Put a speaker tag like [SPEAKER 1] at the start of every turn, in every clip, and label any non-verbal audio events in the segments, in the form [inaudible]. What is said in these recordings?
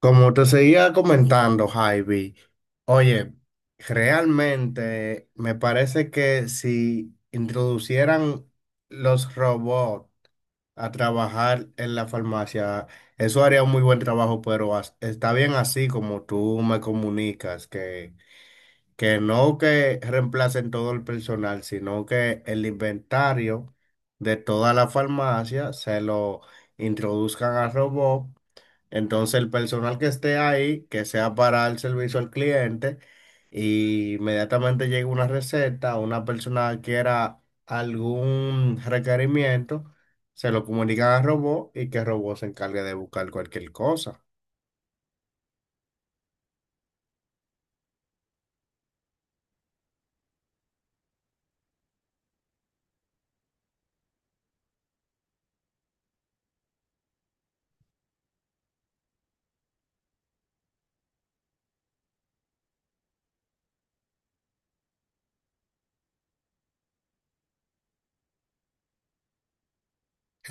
[SPEAKER 1] Como te seguía comentando, Javi, oye, realmente me parece que si introducieran los robots a trabajar en la farmacia, eso haría un muy buen trabajo, pero está bien así como tú me comunicas, que no que reemplacen todo el personal, sino que el inventario de toda la farmacia se lo introduzcan al robot. Entonces el personal que esté ahí, que sea para el servicio al cliente, y inmediatamente llega una receta, una persona que quiera algún requerimiento, se lo comunican al robot y que el robot se encargue de buscar cualquier cosa.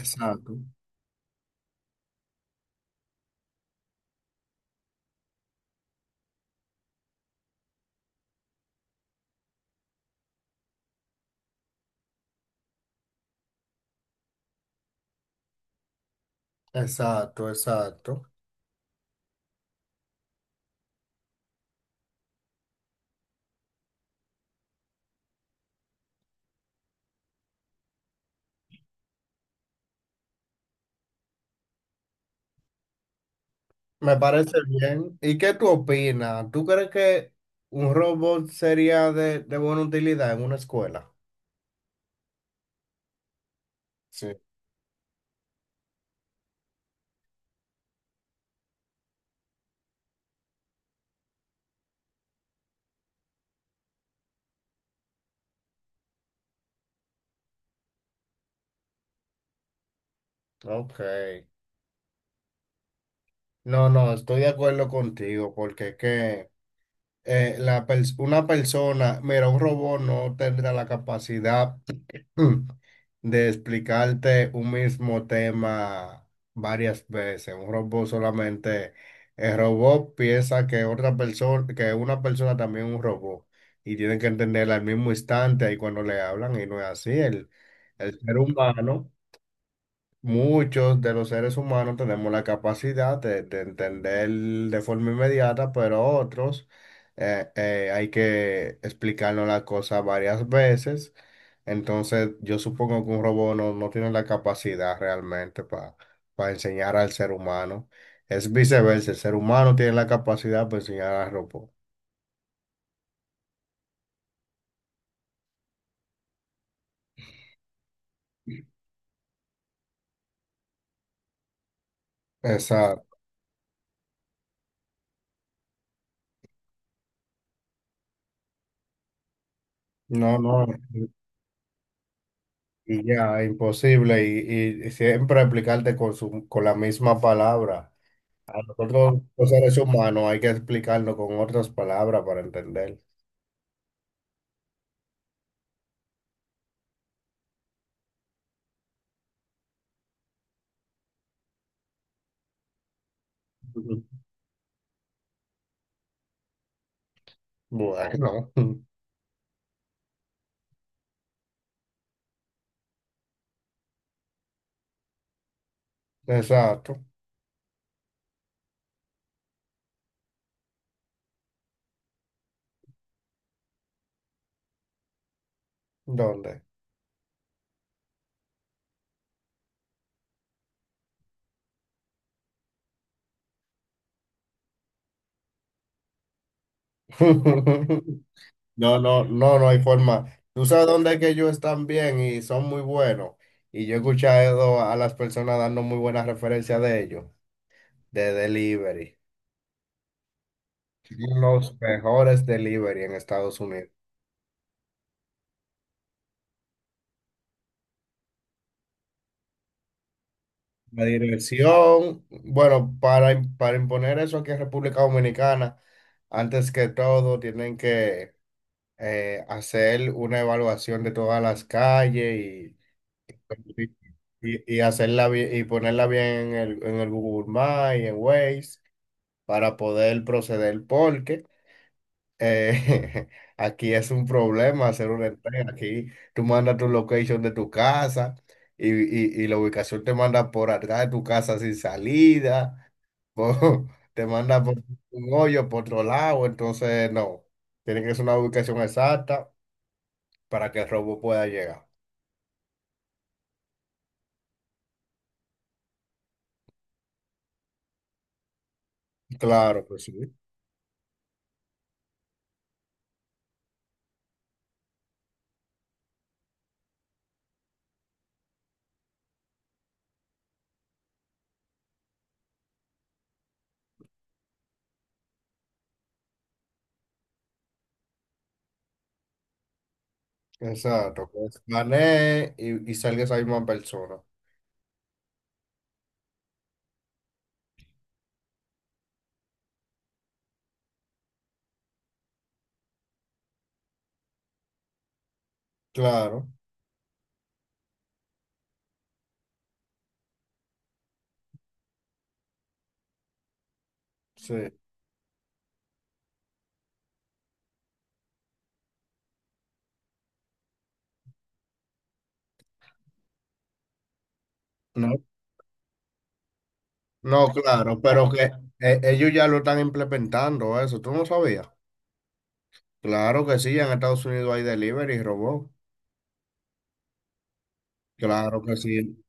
[SPEAKER 1] Exacto, exacto, exacto. Me parece bien. ¿Y qué tú opinas? ¿Tú crees que un robot sería de buena utilidad en una escuela? Sí. Ok. No, no, estoy de acuerdo contigo, porque es que la una persona, mira, un robot no tendrá la capacidad [clears throat] de explicarte un mismo tema varias veces. Un robot solamente, el robot piensa que otra persona, que una persona también es un robot, y tienen que entenderla al mismo instante ahí cuando le hablan, y no es así. El ser humano. Muchos de los seres humanos tenemos la capacidad de entender de forma inmediata, pero otros hay que explicarnos la cosa varias veces. Entonces, yo supongo que un robot no, no tiene la capacidad realmente para enseñar al ser humano. Es viceversa, el ser humano tiene la capacidad para enseñar al robot. Exacto. No, no, y ya, imposible. Y siempre explicarte con la misma palabra. A nosotros, los seres humanos, hay que explicarlo con otras palabras para entender. Ujú. Bueno, [laughs] exacto. ¿Dónde? [laughs] No, no, no, no hay forma. Tú sabes dónde es que ellos están bien y son muy buenos. Y yo he escuchado a las personas dando muy buenas referencias de ellos, de delivery. Son los mejores delivery en Estados Unidos. La diversión, bueno, para imponer eso aquí en República Dominicana, antes que todo, tienen que hacer una evaluación de todas las calles y y ponerla bien en en el Google Maps y en Waze para poder proceder, porque eh, [laughs] aquí es un problema hacer una entrega. Aquí tú mandas tu location de tu casa y la ubicación te manda por atrás de tu casa sin salida po- [laughs] te manda por un hoyo, por otro lado, entonces no. Tiene que ser una ubicación exacta para que el robo pueda llegar. Claro, pues sí. Exacto. Pues planee y salga esa misma persona. Claro, sí. No, no, claro, pero que ellos ya lo están implementando eso. ¿Tú no sabías? Claro que sí, en Estados Unidos hay delivery, robot. Claro que sí.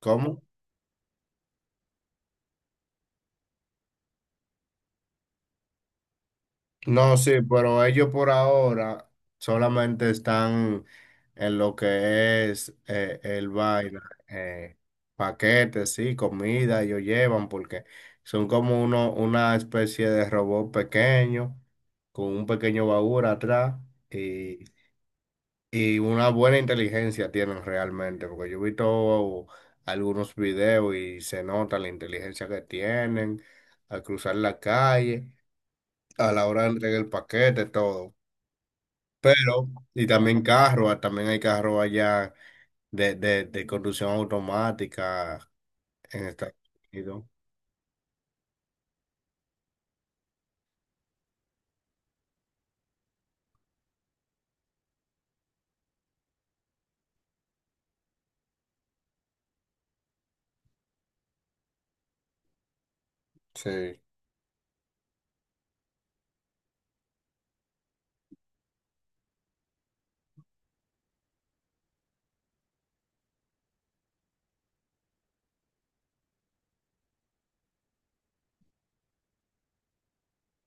[SPEAKER 1] ¿Cómo? No, sí, pero ellos por ahora solamente están en lo que es el vaina, eh, paquetes, sí, comida, ellos llevan porque son como una especie de robot pequeño con un pequeño baúl atrás, y, y una buena inteligencia tienen realmente, porque yo he visto algunos videos y se nota la inteligencia que tienen al cruzar la calle, a la hora de entregar el paquete, todo. Pero, y también carros, ah, también hay carros allá de conducción automática en Estados Unidos. Sí,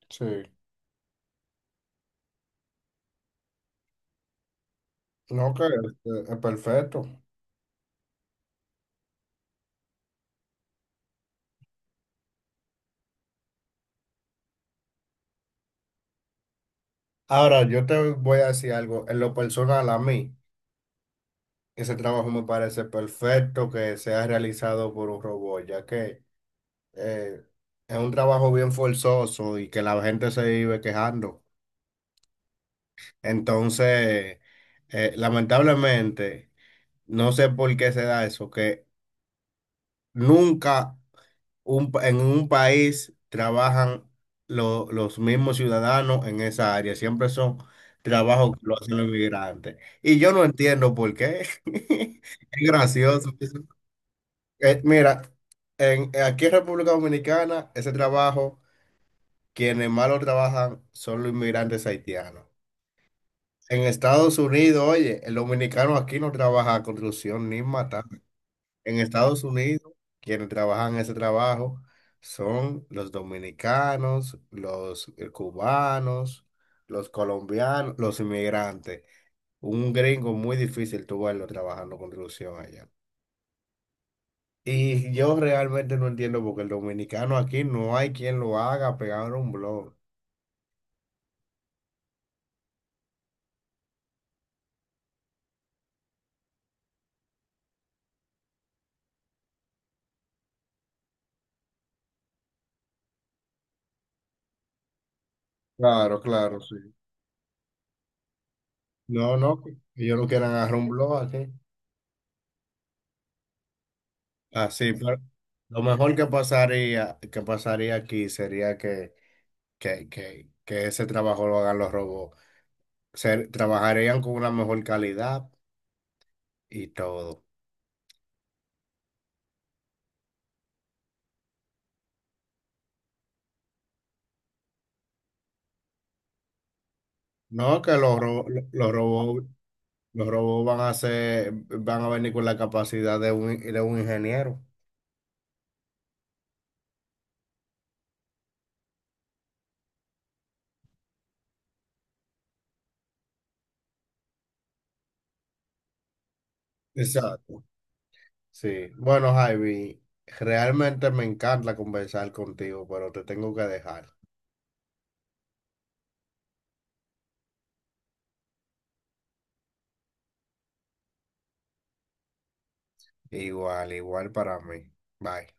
[SPEAKER 1] sí. No, que es perfecto. Ahora, yo te voy a decir algo, en lo personal a mí, ese trabajo me parece perfecto que sea realizado por un robot, ya que eh, es un trabajo bien forzoso y que la gente se vive quejando. Entonces, lamentablemente, no sé por qué se da eso, que nunca en un país trabajan los mismos ciudadanos en esa área. Siempre son trabajos que lo hacen los inmigrantes. Y yo no entiendo por qué. [laughs] Es gracioso. Mira, aquí en República Dominicana, ese trabajo, quienes más lo trabajan son los inmigrantes haitianos. En Estados Unidos, oye, el dominicano aquí no trabaja construcción ni matar. En Estados Unidos, quienes trabajan ese trabajo son los dominicanos, los cubanos, los colombianos, los inmigrantes. Un gringo muy difícil tú verlo trabajando construcción allá. Y yo realmente no entiendo porque el dominicano aquí no hay quien lo haga pegar un blog. Claro, claro, sí. No, no, que ellos no quieran agarrar un blog aquí. Así, pero lo mejor que pasaría aquí sería que ese trabajo lo hagan los robots. Trabajarían con una mejor calidad y todo. No, que los robots, los robots van a ser, van a venir con la capacidad de un ingeniero. Exacto. Sí. Bueno, Javi, realmente me encanta conversar contigo, pero te tengo que dejar. Igual, igual para mí. Bye.